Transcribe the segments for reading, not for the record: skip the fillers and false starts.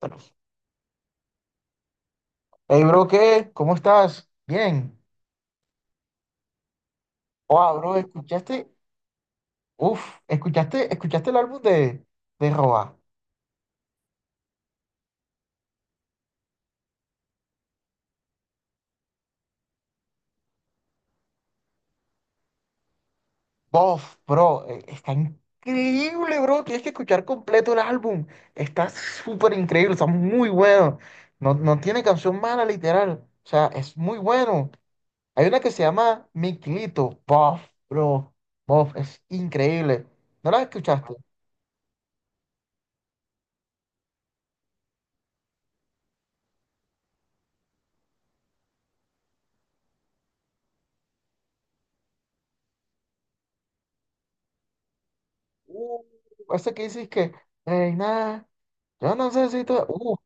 Bueno, hey, bro, ¿qué? ¿Cómo estás? Bien. Wow, bro, ¿escuchaste? Uf, ¿escuchaste, escuchaste el álbum de Roa? Bof, bro, está increíble, bro. Tienes que escuchar completo el álbum. Está súper increíble, está muy bueno. No, no tiene canción mala, literal. O sea, es muy bueno. Hay una que se llama Miquilito. Bof, bro. Bof, es increíble. ¿No la escuchaste? Uh, Ese que dices que, hey nada, yo no sé si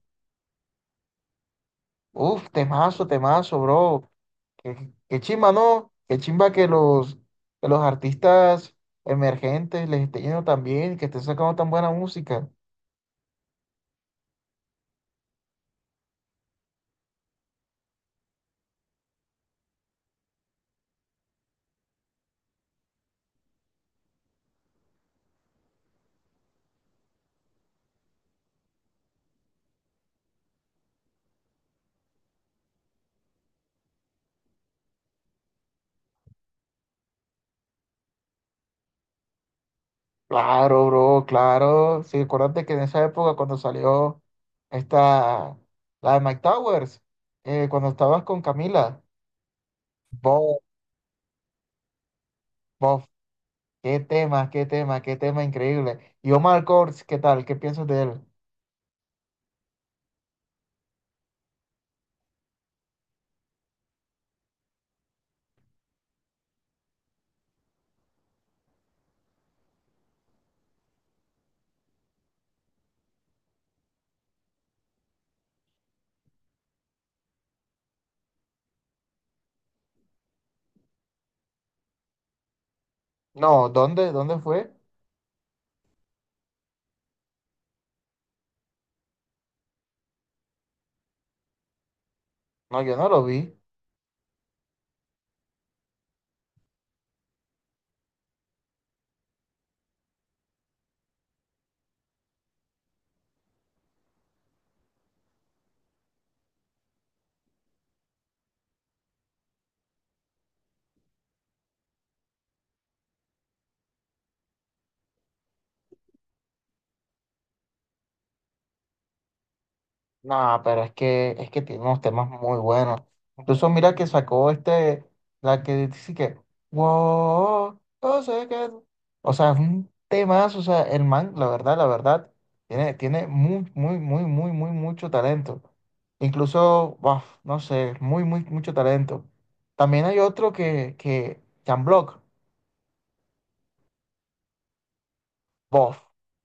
uf, temazo, temazo, bro. Qué, qué chimba, ¿no? Qué chimba que los artistas emergentes les esté yendo tan bien, que estén sacando tan buena música. Claro, bro, claro. Sí, acuérdate que en esa época cuando salió esta, la de Mike Towers, cuando estabas con Camila, bof, bof, qué tema, qué tema, qué tema increíble. Y Omar Courtz, ¿qué tal? ¿Qué piensas de él? No, ¿dónde? ¿Dónde fue? No, yo no lo vi. No, pero es que tiene unos temas muy buenos. Incluso mira que sacó este, la que dice que, wow, no sé qué. O sea, es un temazo, o sea, el man, la verdad, tiene, tiene muy, muy, muy, muy, muy, mucho talento. Incluso, buf, no sé, muy, muy, mucho talento. También hay otro que, Jan Block. Bof,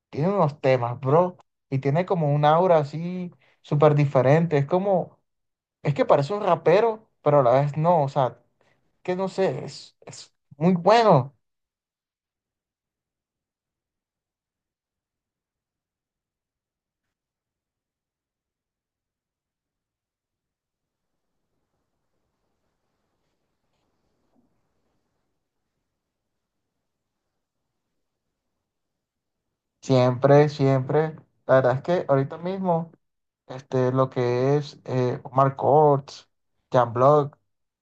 tiene unos temas, bro, y tiene como un aura así súper diferente. Es como, es que parece un rapero, pero a la vez no, o sea, que no sé, es muy bueno. Siempre, siempre. La verdad es que ahorita mismo, este, lo que es Omar Courtz, Jan Block,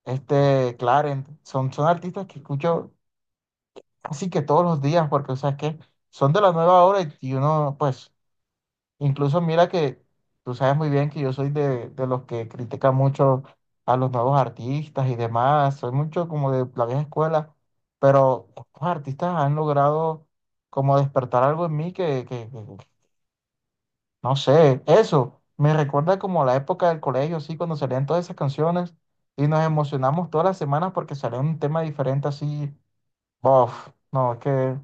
este, Clarent, son, son artistas que escucho así que todos los días, porque, o sea, es que son de la nueva hora y uno, pues incluso mira que tú sabes muy bien que yo soy de los que critican mucho a los nuevos artistas y demás, soy mucho como de la vieja escuela, pero estos artistas han logrado como despertar algo en mí que, no sé, eso me recuerda como la época del colegio, sí, cuando salían todas esas canciones y nos emocionamos todas las semanas porque salía un tema diferente así, bof, no, es que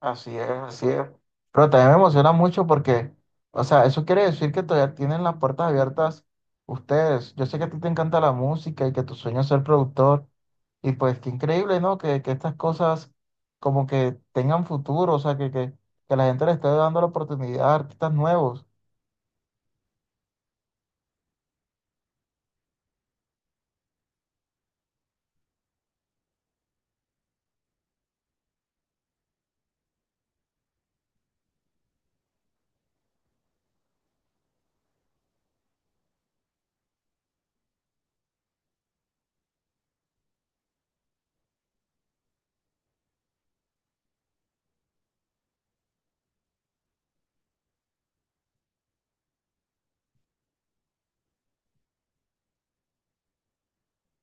así es, así es. Pero también me emociona mucho porque, o sea, eso quiere decir que todavía tienen las puertas abiertas ustedes. Yo sé que a ti te encanta la música y que tu sueño es ser productor. Y pues qué increíble, ¿no? Que estas cosas como que tengan futuro, o sea, que la gente le esté dando la oportunidad a artistas nuevos.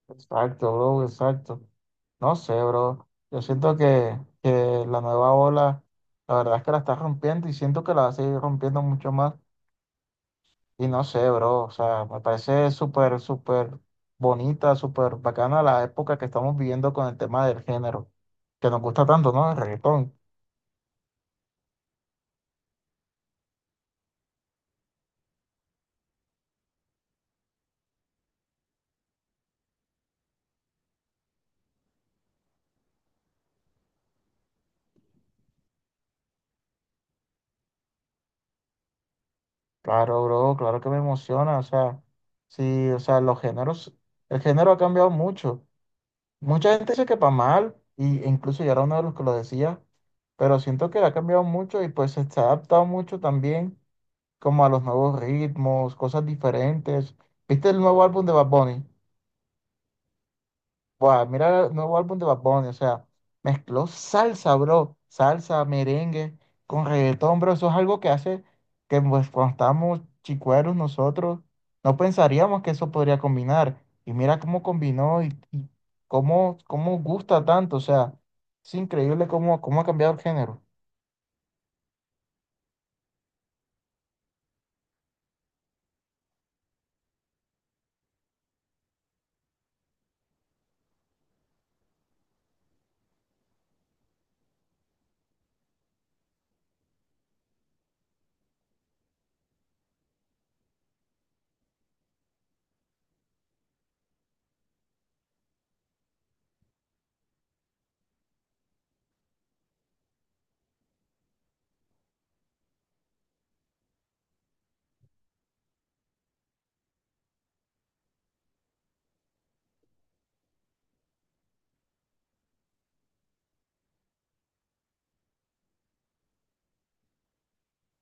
Exacto, bro, exacto. No sé, bro. Yo siento que la nueva ola, la verdad es que la está rompiendo y siento que la va a seguir rompiendo mucho más. Y no sé, bro, o sea, me parece súper, súper bonita, súper bacana la época que estamos viviendo con el tema del género, que nos gusta tanto, ¿no? El reggaetón. Claro, bro, claro que me emociona, o sea, sí, o sea, los géneros, el género ha cambiado mucho. Mucha gente dice que para mal, y, e incluso yo era uno de los que lo decía, pero siento que ha cambiado mucho y pues se ha adaptado mucho también como a los nuevos ritmos, cosas diferentes. ¿Viste el nuevo álbum de Bad Bunny? Buah, mira el nuevo álbum de Bad Bunny, o sea, mezcló salsa, bro, salsa, merengue, con reggaetón, bro, eso es algo que hace que pues, cuando estábamos chicueros nosotros, no pensaríamos que eso podría combinar, y mira cómo combinó y cómo, cómo gusta tanto, o sea, es increíble cómo, cómo ha cambiado el género.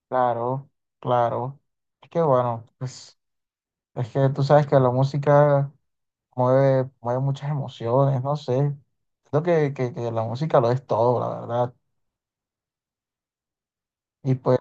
Claro, claro, es que bueno, pues, es que tú sabes que la música mueve, mueve muchas emociones, no sé. Creo que la música lo es todo, la verdad. Y pues,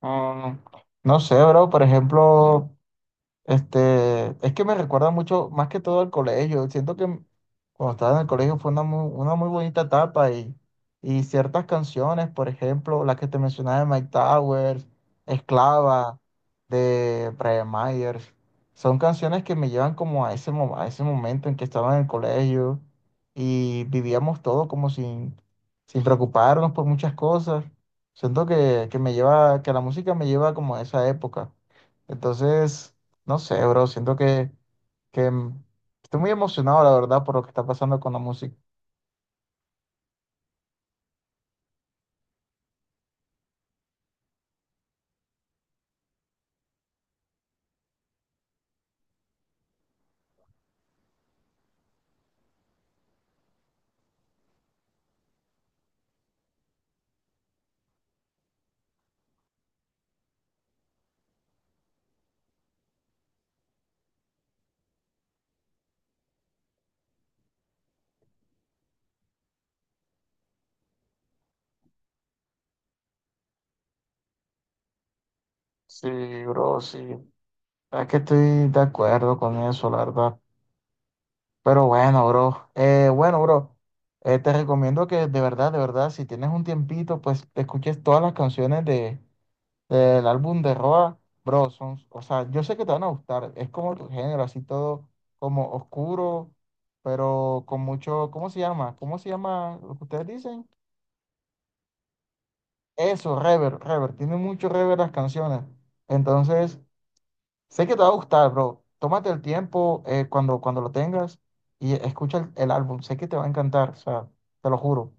mm, no sé, bro, por ejemplo. Este, es que me recuerda mucho, más que todo al colegio. Siento que cuando estaba en el colegio fue una muy bonita etapa y ciertas canciones, por ejemplo, las que te mencionaba de Mike Towers, Esclava, de Brian Myers, son canciones que me llevan como a ese, a ese momento en que estaba en el colegio y vivíamos todo como sin, sin preocuparnos por muchas cosas. Siento que me lleva, que la música me lleva como a esa época. Entonces... No sé, bro, siento que mm, estoy muy emocionado, la verdad, por lo que está pasando con la música. Sí, bro, sí. Es que estoy de acuerdo con eso, la verdad. Pero bueno, bro. Bueno, bro. Te recomiendo que de verdad, si tienes un tiempito, pues te escuches todas las canciones de, del álbum de Roa, bro. Son, o sea, yo sé que te van a gustar. Es como tu género, así todo como oscuro, pero con mucho, ¿cómo se llama? ¿Cómo se llama lo que ustedes dicen? Eso, reverb, reverb. Tiene mucho reverb las canciones. Entonces, sé que te va a gustar, bro. Tómate el tiempo cuando, cuando lo tengas y escucha el álbum. Sé que te va a encantar, o sea, te lo juro.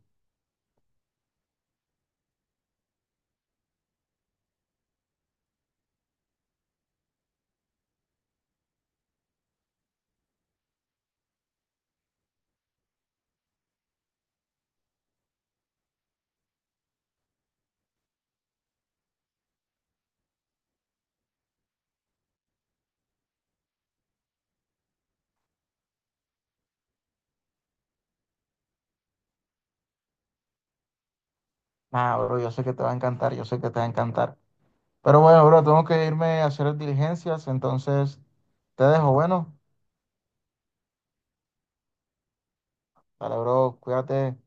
Nah, bro, yo sé que te va a encantar, yo sé que te va a encantar. Pero bueno, bro, tengo que irme a hacer diligencias, entonces te dejo. Bueno, para bro, cuídate.